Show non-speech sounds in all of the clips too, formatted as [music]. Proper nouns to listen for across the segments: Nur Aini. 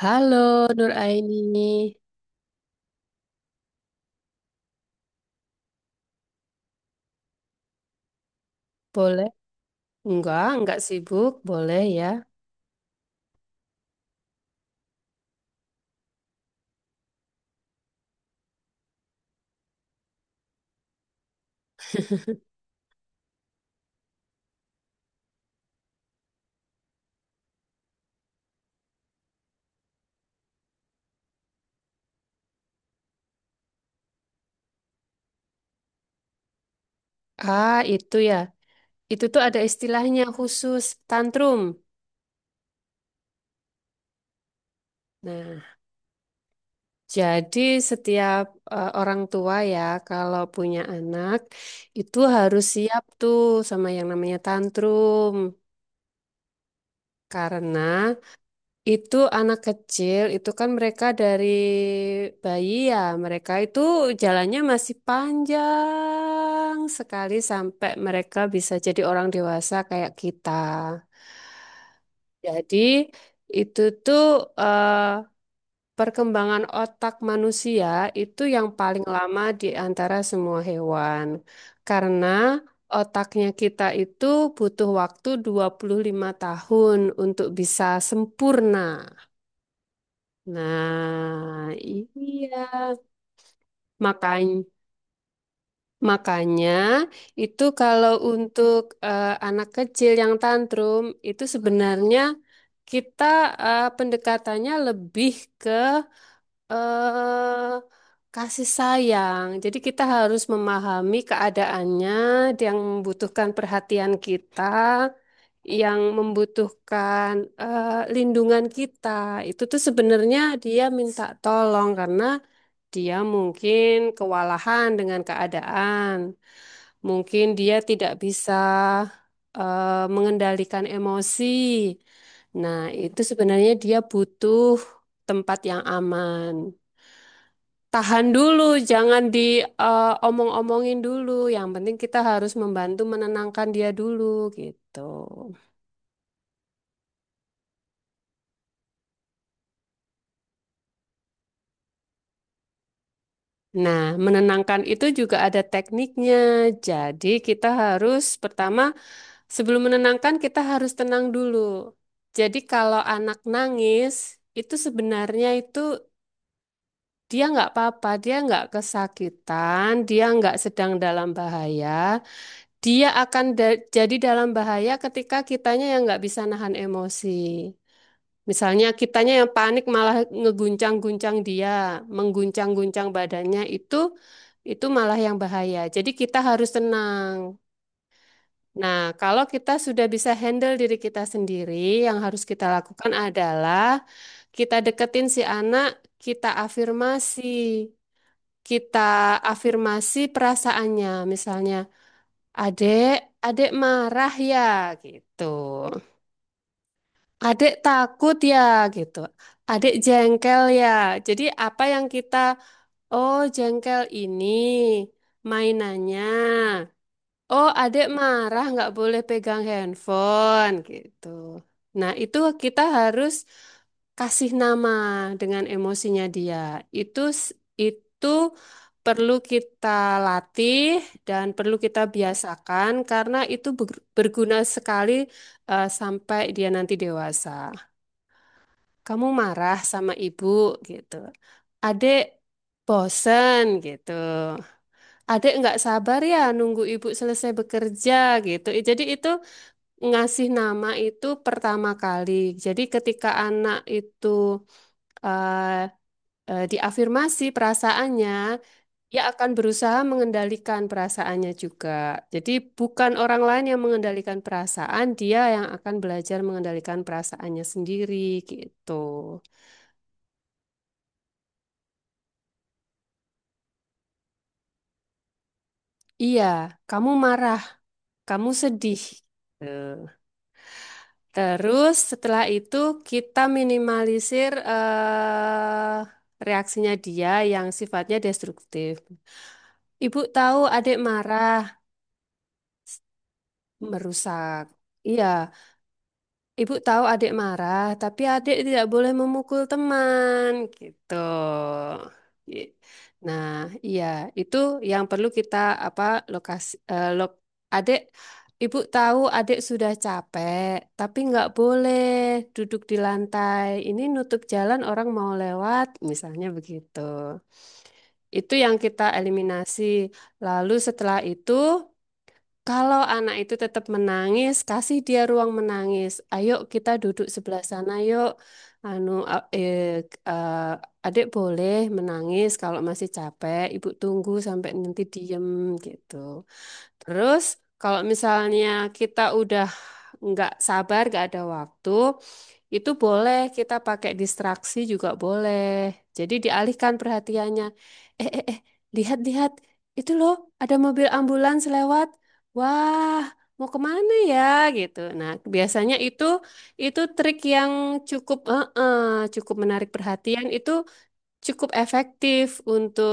Halo Nur Aini, boleh? Enggak sibuk, boleh ya. Ah, itu ya. Itu tuh ada istilahnya khusus, tantrum. Nah, jadi setiap orang tua ya, kalau punya anak itu harus siap tuh sama yang namanya tantrum. Karena itu anak kecil, itu kan mereka dari bayi ya, mereka itu jalannya masih panjang sekali sampai mereka bisa jadi orang dewasa kayak kita. Jadi itu tuh, eh, perkembangan otak manusia itu yang paling lama di antara semua hewan. Karena otaknya kita itu butuh waktu 25 tahun untuk bisa sempurna. Nah, iya. Makanya, makanya itu kalau untuk anak kecil yang tantrum itu sebenarnya kita, pendekatannya lebih ke eh, kasih sayang. Jadi kita harus memahami keadaannya yang membutuhkan perhatian kita, yang membutuhkan eh, lindungan kita. Itu tuh sebenarnya dia minta tolong karena dia mungkin kewalahan dengan keadaan, mungkin dia tidak bisa mengendalikan emosi. Nah, itu sebenarnya dia butuh tempat yang aman. Tahan dulu, jangan diomong-omongin dulu. Yang penting kita harus membantu menenangkan dia dulu, gitu. Nah, menenangkan itu juga ada tekniknya. Jadi, kita harus pertama. Sebelum menenangkan, kita harus tenang dulu. Jadi kalau anak nangis, itu sebenarnya itu dia nggak apa-apa, dia nggak kesakitan, dia nggak sedang dalam bahaya. Dia akan jadi dalam bahaya ketika kitanya yang nggak bisa nahan emosi. Misalnya kitanya yang panik malah ngeguncang-guncang dia, mengguncang-guncang badannya itu malah yang bahaya. Jadi kita harus tenang. Nah, kalau kita sudah bisa handle diri kita sendiri, yang harus kita lakukan adalah kita deketin si anak, kita afirmasi. Kita afirmasi perasaannya, misalnya, adek, adek marah ya, gitu. Adek takut ya, gitu. Adek jengkel ya. Jadi apa yang kita, oh jengkel ini mainannya. Oh, adik marah nggak boleh pegang handphone gitu. Nah, itu kita harus kasih nama dengan emosinya dia. Itu s- itu perlu kita latih dan perlu kita biasakan karena itu berguna sekali sampai dia nanti dewasa. Kamu marah sama ibu gitu. Adik bosen gitu. Adek nggak sabar ya nunggu ibu selesai bekerja gitu. Jadi itu ngasih nama itu pertama kali. Jadi ketika anak itu eh, diafirmasi perasaannya, dia akan berusaha mengendalikan perasaannya juga. Jadi bukan orang lain yang mengendalikan perasaan, dia yang akan belajar mengendalikan perasaannya sendiri gitu. Iya, kamu marah, kamu sedih. Gitu. Terus setelah itu kita minimalisir reaksinya dia yang sifatnya destruktif. Ibu tahu adik marah, merusak. Iya. Ibu tahu adik marah, tapi adik tidak boleh memukul teman, gitu. I- Nah, iya, itu yang perlu kita apa, lokasi adik, ibu tahu adik sudah capek, tapi nggak boleh duduk di lantai. Ini nutup jalan orang mau lewat, misalnya begitu. Itu yang kita eliminasi. Lalu setelah itu kalau anak itu tetap menangis, kasih dia ruang menangis. Ayo kita duduk sebelah sana yuk. Anu, a- eh, eh, Adik boleh menangis kalau masih capek. Ibu tunggu sampai nanti diem, gitu. Terus kalau misalnya kita udah nggak sabar, nggak ada waktu, itu boleh, kita pakai distraksi juga boleh. Jadi dialihkan perhatiannya. Eh, eh, eh, lihat, lihat. Itu loh, ada mobil ambulans lewat. Wah, mau kemana ya gitu. Nah, biasanya itu trik yang cukup cukup menarik perhatian. Itu cukup efektif untuk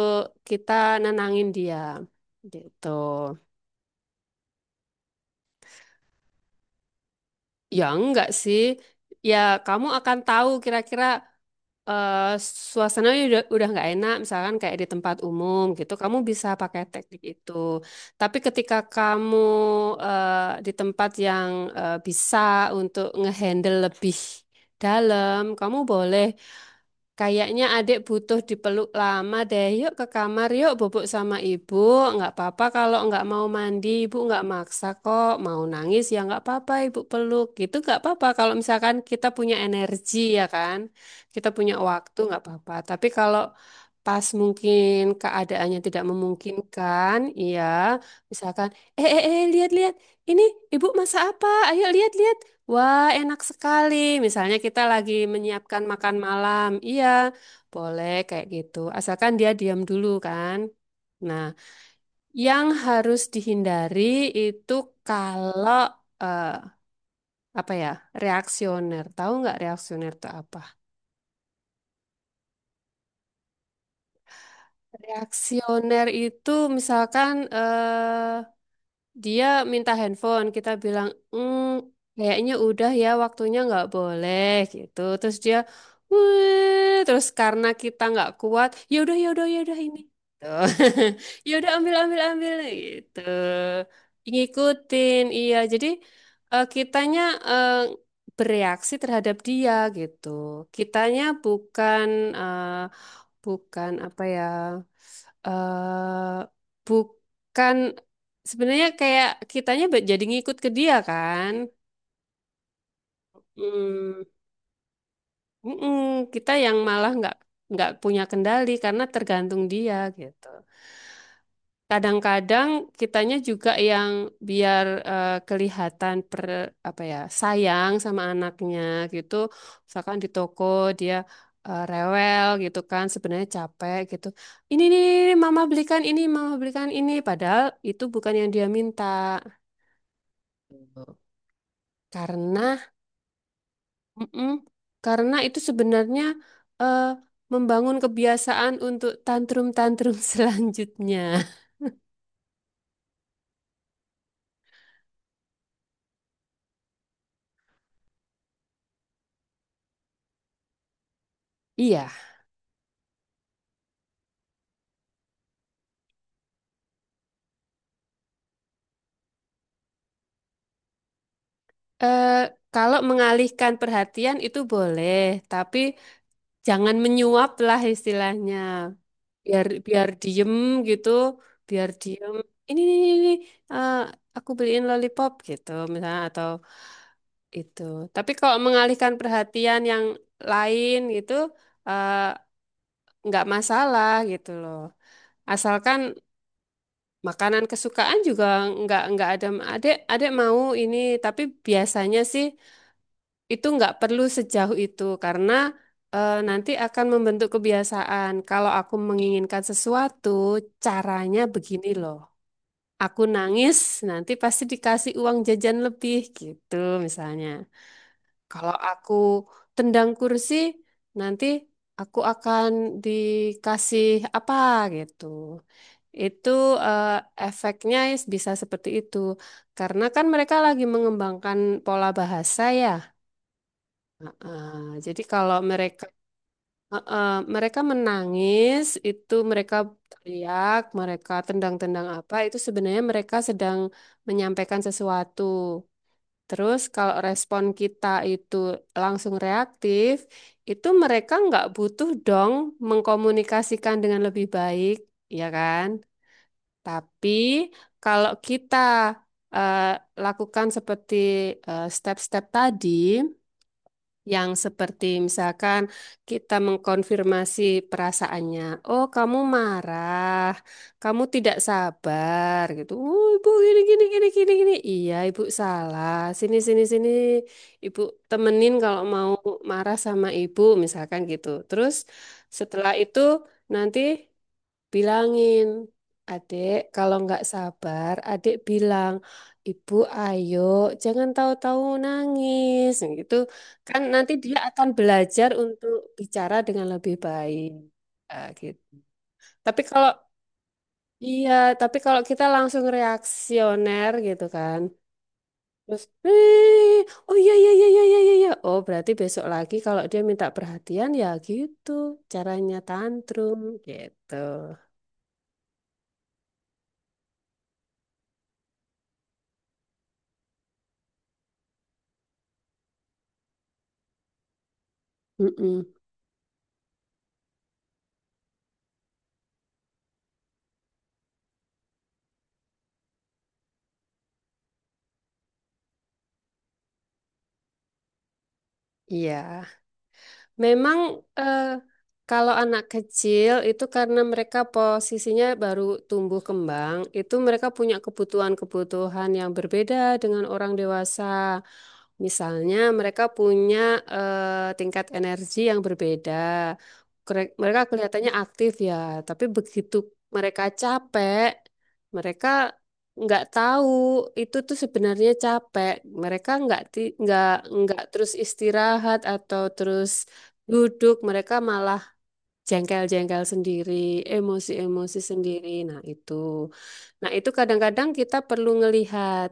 kita nenangin dia. Gitu. Ya enggak sih. Ya, kamu akan tahu kira-kira eh suasana udah nggak enak misalkan kayak di tempat umum gitu, kamu bisa pakai teknik itu, tapi ketika kamu di tempat yang bisa untuk ngehandle lebih dalam, kamu boleh. Kayaknya adik butuh dipeluk lama deh. Yuk ke kamar, yuk bubuk sama ibu. Nggak apa-apa kalau nggak mau mandi, ibu nggak maksa kok. Mau nangis ya nggak apa-apa, ibu peluk. Gitu nggak apa-apa kalau misalkan kita punya energi ya kan. Kita punya waktu nggak apa-apa. Tapi kalau pas mungkin keadaannya tidak memungkinkan, iya. Misalkan, lihat-lihat. Ini ibu masak apa? Ayo lihat-lihat. Wah, enak sekali. Misalnya kita lagi menyiapkan makan malam. Iya, boleh kayak gitu. Asalkan dia diam dulu kan. Nah, yang harus dihindari itu kalau eh, apa ya? Reaksioner. Tahu nggak reaksioner itu apa? Reaksioner itu misalkan dia minta handphone, kita bilang, "Mm, kayaknya udah ya waktunya, nggak boleh," gitu. Terus dia, wih, terus karena kita nggak kuat, ya udah ya udah ya udah ini, tuh, [laughs] ya udah ambil ambil ambil gitu, ngikutin, iya. Jadi kitanya eh, bereaksi terhadap dia gitu. Kitanya bukan eh, bukan apa ya? eh bukan, sebenarnya kayak kitanya jadi ngikut ke dia kan. Hmm, mm-mm, kita yang malah nggak punya kendali karena tergantung dia gitu. Kadang-kadang kitanya juga yang biar kelihatan per, apa ya, sayang sama anaknya gitu, misalkan di toko dia rewel gitu kan, sebenarnya capek gitu. Ini nih, mama belikan ini, padahal itu bukan yang dia minta. Karena, mm-mm, karena itu sebenarnya eh, membangun kebiasaan untuk tantrum-tantrum [laughs] selanjutnya. Iya. Eh, kalau mengalihkan perhatian itu boleh, tapi jangan menyuap lah istilahnya. Biar biar diem gitu, biar diem. Ini, eh, aku beliin lollipop gitu misalnya atau itu. Tapi kalau mengalihkan perhatian yang lain gitu, eh, nggak masalah gitu loh. Asalkan makanan kesukaan juga nggak ada. Adek adek mau ini, tapi biasanya sih, itu nggak perlu sejauh itu karena nanti akan membentuk kebiasaan. Kalau aku menginginkan sesuatu, caranya begini loh. Aku nangis, nanti pasti dikasih uang jajan lebih gitu misalnya. Kalau aku tendang kursi, nanti aku akan dikasih apa gitu. Itu eh, efeknya bisa seperti itu. Karena kan mereka lagi mengembangkan pola bahasa ya. Ah, jadi kalau mereka eh, eh, mereka menangis itu mereka teriak, mereka tendang-tendang apa, itu sebenarnya mereka sedang menyampaikan sesuatu. Terus kalau respon kita itu langsung reaktif, itu mereka nggak butuh dong mengkomunikasikan dengan lebih baik, ya kan? Tapi kalau kita eh, lakukan seperti step-step tadi, yang seperti misalkan kita mengkonfirmasi perasaannya. Oh, kamu marah. Kamu tidak sabar gitu. Oh, ibu gini gini gini gini gini. Iya, ibu salah. Sini sini sini. Ibu temenin kalau mau marah sama ibu misalkan gitu. Terus setelah itu nanti bilangin, adik, kalau nggak sabar, adik bilang, ibu ayo, jangan tahu-tahu nangis, gitu. Kan nanti dia akan belajar untuk bicara dengan lebih baik. Ah, gitu. Tapi kalau, iya, tapi kalau kita langsung reaksioner gitu kan, terus, "Eh, oh iya, iya, iya, iya, iya, iya, iya," oh berarti besok lagi kalau dia minta perhatian ya gitu, caranya tantrum, gitu. Mm-mm. Iya. Memang eh, kalau anak kecil itu karena mereka posisinya baru tumbuh kembang, itu mereka punya kebutuhan-kebutuhan yang berbeda dengan orang dewasa. Misalnya mereka punya tingkat energi yang berbeda. Mereka kelihatannya aktif ya, tapi begitu mereka capek, mereka nggak tahu itu tuh sebenarnya capek. Mereka nggak nggak terus istirahat atau terus duduk, mereka malah jengkel-jengkel sendiri, emosi-emosi sendiri. Nah, itu. Nah, itu kadang-kadang kita perlu ngelihat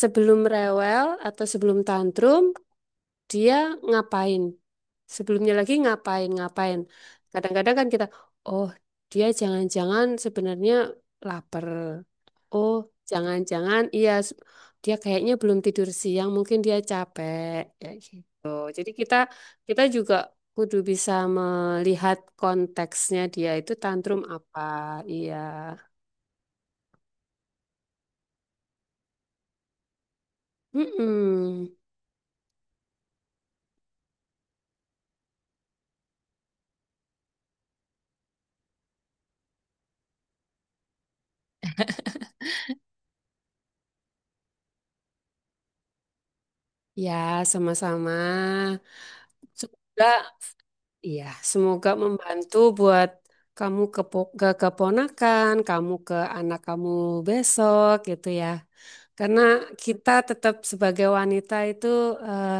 sebelum rewel atau sebelum tantrum, dia ngapain. Sebelumnya lagi ngapain, ngapain. Kadang-kadang kan kita, oh, dia jangan-jangan sebenarnya lapar. Oh, jangan-jangan iya dia kayaknya belum tidur siang, mungkin dia capek. Ya gitu. Jadi kita, kita juga kudu bisa melihat konteksnya dia itu tantrum apa. Iya. Mm-mm. Ya, sama-sama. Semoga iya, semoga membantu buat kamu ke, ke keponakan, kamu ke anak kamu besok gitu ya. Karena kita tetap sebagai wanita itu eh,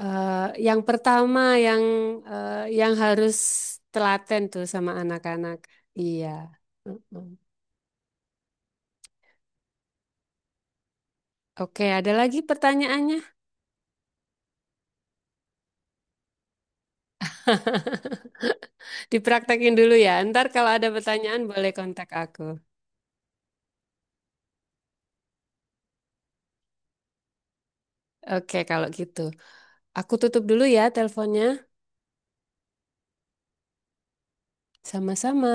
Eh, yang pertama yang yang harus telaten tuh sama anak-anak. Iya. Mm-mm. Oke, ada lagi pertanyaannya? [laughs] Dipraktekin dulu ya. Ntar kalau ada pertanyaan boleh kontak aku. Oke, kalau gitu. Aku tutup dulu ya teleponnya. Sama-sama.